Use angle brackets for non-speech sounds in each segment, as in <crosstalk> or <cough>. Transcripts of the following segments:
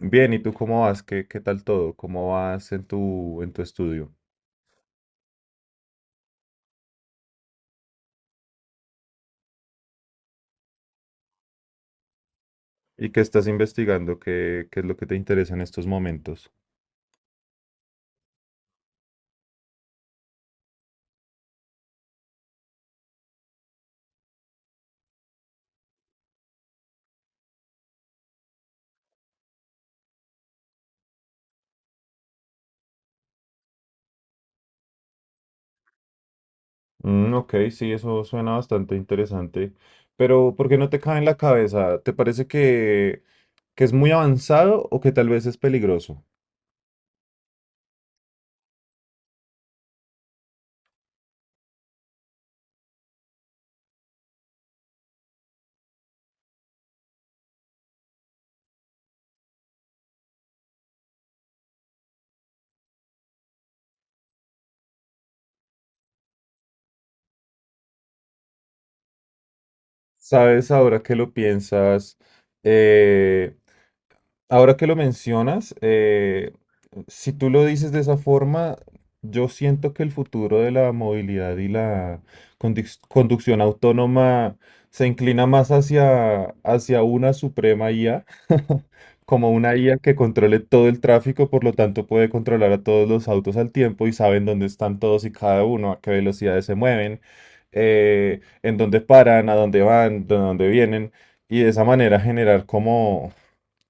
Bien, ¿y tú cómo vas? ¿Qué tal todo? ¿Cómo vas en tu estudio? ¿Y qué estás investigando? ¿Qué es lo que te interesa en estos momentos? Mm, ok, sí, eso suena bastante interesante. Pero, ¿por qué no te cae en la cabeza? Que es muy avanzado o que tal vez es peligroso? ¿Sabes ahora que lo piensas? eh, Ahora que lo mencionas, si tú lo dices de esa forma, yo siento que el futuro de la movilidad y la conducción autónoma se inclina más hacia una suprema IA, <laughs> como una IA que controle todo el tráfico, por lo tanto puede controlar a todos los autos al tiempo y saben dónde están todos y cada uno, a qué velocidades se mueven, en dónde paran, a dónde van, de dónde vienen, y de esa manera generar como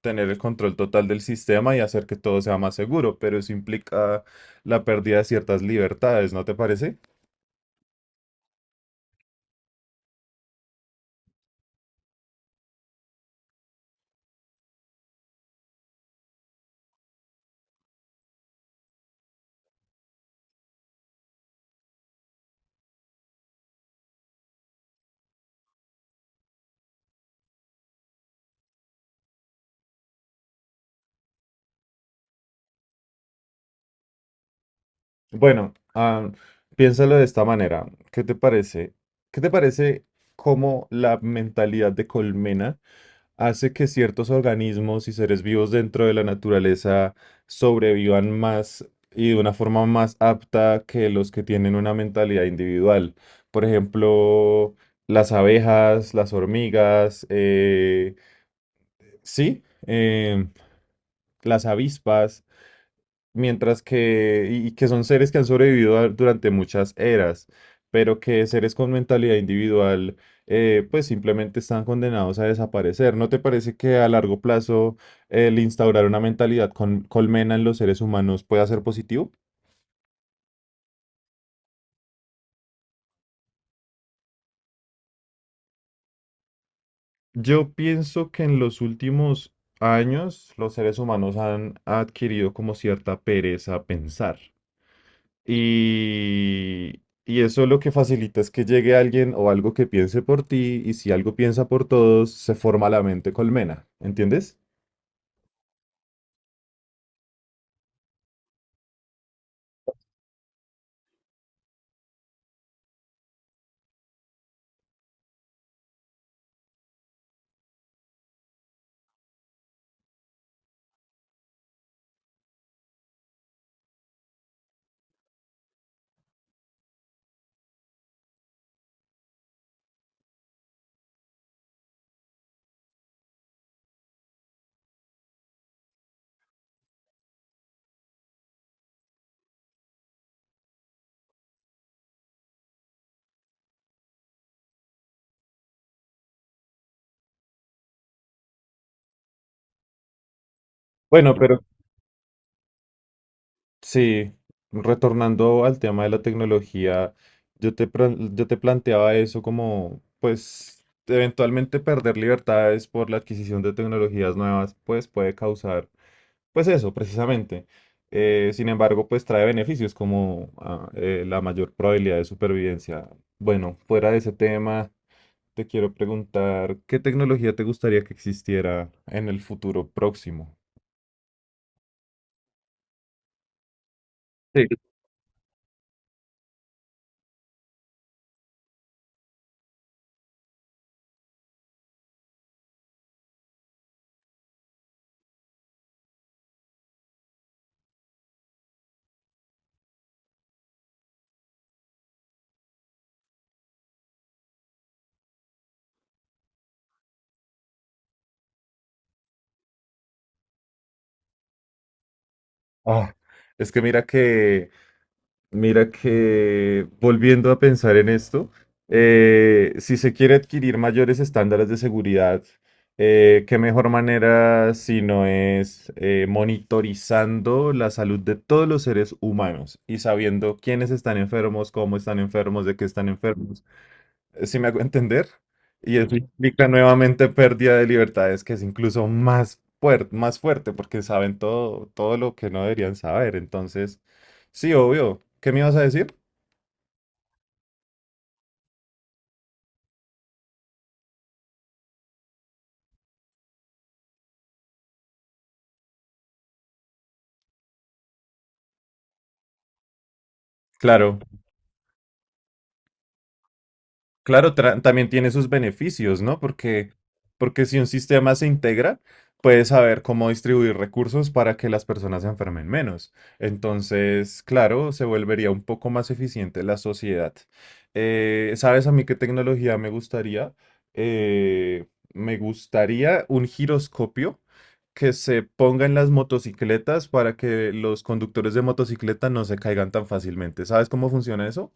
tener el control total del sistema y hacer que todo sea más seguro, pero eso implica la pérdida de ciertas libertades, ¿no te parece? Bueno, piénsalo de esta manera. ¿Qué te parece? ¿Qué te parece cómo la mentalidad de colmena hace que ciertos organismos y seres vivos dentro de la naturaleza sobrevivan más y de una forma más apta que los que tienen una mentalidad individual? Por ejemplo, las abejas, las hormigas, sí, eh, las avispas, mientras que que son seres que han sobrevivido durante muchas eras, pero que seres con mentalidad individual, pues simplemente están condenados a desaparecer. ¿No te parece que a largo plazo el instaurar una mentalidad con colmena en los seres humanos pueda ser positivo? Yo pienso que en los últimos años los seres humanos han adquirido como cierta pereza a pensar. Y eso lo que facilita es que llegue alguien o algo que piense por ti, y si algo piensa por todos, se forma la mente colmena, ¿entiendes? Bueno, pero sí, retornando al tema de la tecnología, yo te planteaba eso como, pues, eventualmente perder libertades por la adquisición de tecnologías nuevas, pues puede causar. Pues eso, precisamente. Sin embargo, pues trae beneficios como la mayor probabilidad de supervivencia. Bueno, fuera de ese tema, te quiero preguntar, ¿qué tecnología te gustaría que existiera en el futuro próximo? Sí. Ah, es que mira que mira que volviendo a pensar en esto, si se quiere adquirir mayores estándares de seguridad, ¿qué mejor manera si no es monitorizando la salud de todos los seres humanos y sabiendo quiénes están enfermos, cómo están enfermos, de qué están enfermos? Si me hago <laughs> entender, y eso implica nuevamente pérdida de libertades, que es incluso más fuerte, porque saben todo, todo lo que no deberían saber. Entonces, sí, obvio. ¿Qué me ibas a decir? Claro. Claro, también tiene sus beneficios, ¿no? Porque, porque si un sistema se integra, puede saber cómo distribuir recursos para que las personas se enfermen menos. Entonces, claro, se volvería un poco más eficiente la sociedad. ¿Sabes a mí qué tecnología me gustaría? Eh, me gustaría un giroscopio que se ponga en las motocicletas para que los conductores de motocicleta no se caigan tan fácilmente. ¿Sabes cómo funciona eso?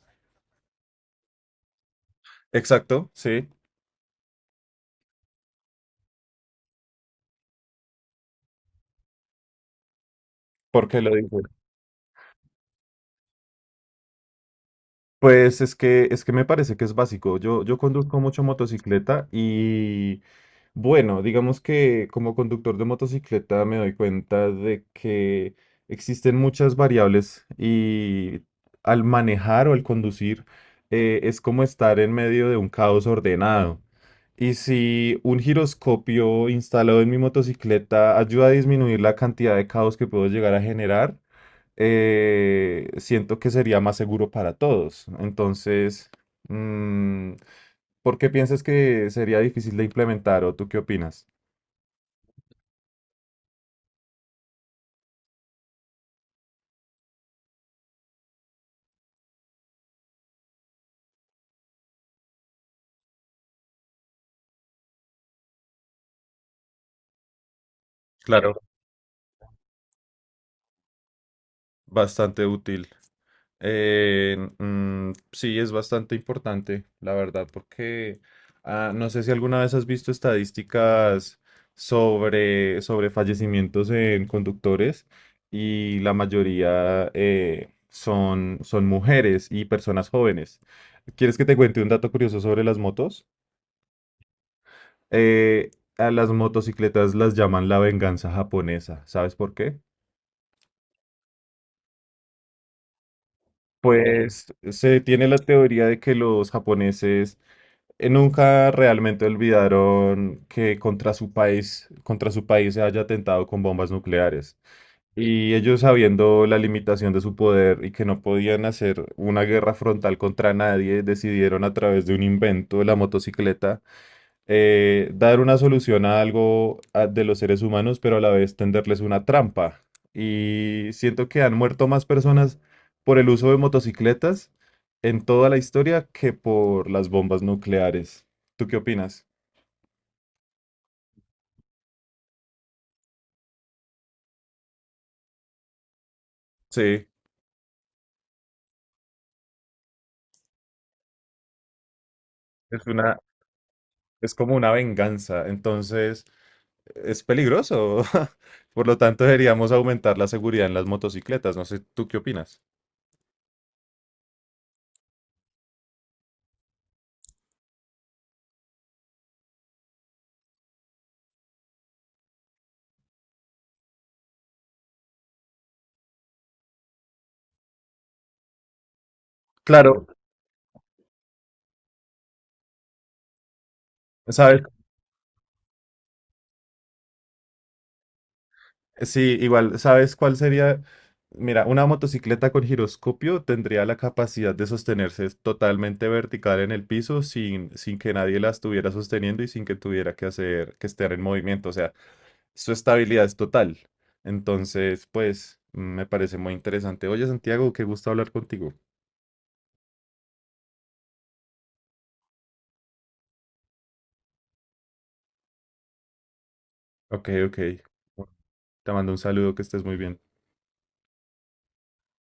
Exacto, sí. ¿Por qué lo dices? Pues es que me parece que es básico. Yo conduzco mucho motocicleta y bueno, digamos que como conductor de motocicleta me doy cuenta de que existen muchas variables y al manejar o al conducir, es como estar en medio de un caos ordenado. Y si un giroscopio instalado en mi motocicleta ayuda a disminuir la cantidad de caos que puedo llegar a generar, siento que sería más seguro para todos. Entonces, mm, ¿por qué piensas que sería difícil de implementar o tú qué opinas? Claro. Bastante útil. Sí, es bastante importante, la verdad, porque no sé si alguna vez has visto estadísticas sobre fallecimientos en conductores y la mayoría son mujeres y personas jóvenes. ¿Quieres que te cuente un dato curioso sobre las motos? Eh, a las motocicletas las llaman la venganza japonesa. ¿Sabes por qué? Pues se tiene la teoría de que los japoneses nunca realmente olvidaron que contra su país se haya atentado con bombas nucleares. Y ellos sabiendo la limitación de su poder y que no podían hacer una guerra frontal contra nadie, decidieron a través de un invento, la motocicleta, dar una solución a de los seres humanos, pero a la vez tenderles una trampa. Y siento que han muerto más personas por el uso de motocicletas en toda la historia que por las bombas nucleares. ¿Tú qué opinas? Sí, es una, es como una venganza, entonces es peligroso. <laughs> Por lo tanto, deberíamos aumentar la seguridad en las motocicletas. No sé, ¿tú qué opinas? Claro, ¿sabes? Sí, igual, ¿sabes cuál sería? Mira, una motocicleta con giroscopio tendría la capacidad de sostenerse totalmente vertical en el piso sin que nadie la estuviera sosteniendo y sin que tuviera que hacer que estar en movimiento. O sea, su estabilidad es total. Entonces, pues, mm, me parece muy interesante. Oye, Santiago, qué gusto hablar contigo. Ok, ok. Te mando un saludo, que estés muy bien.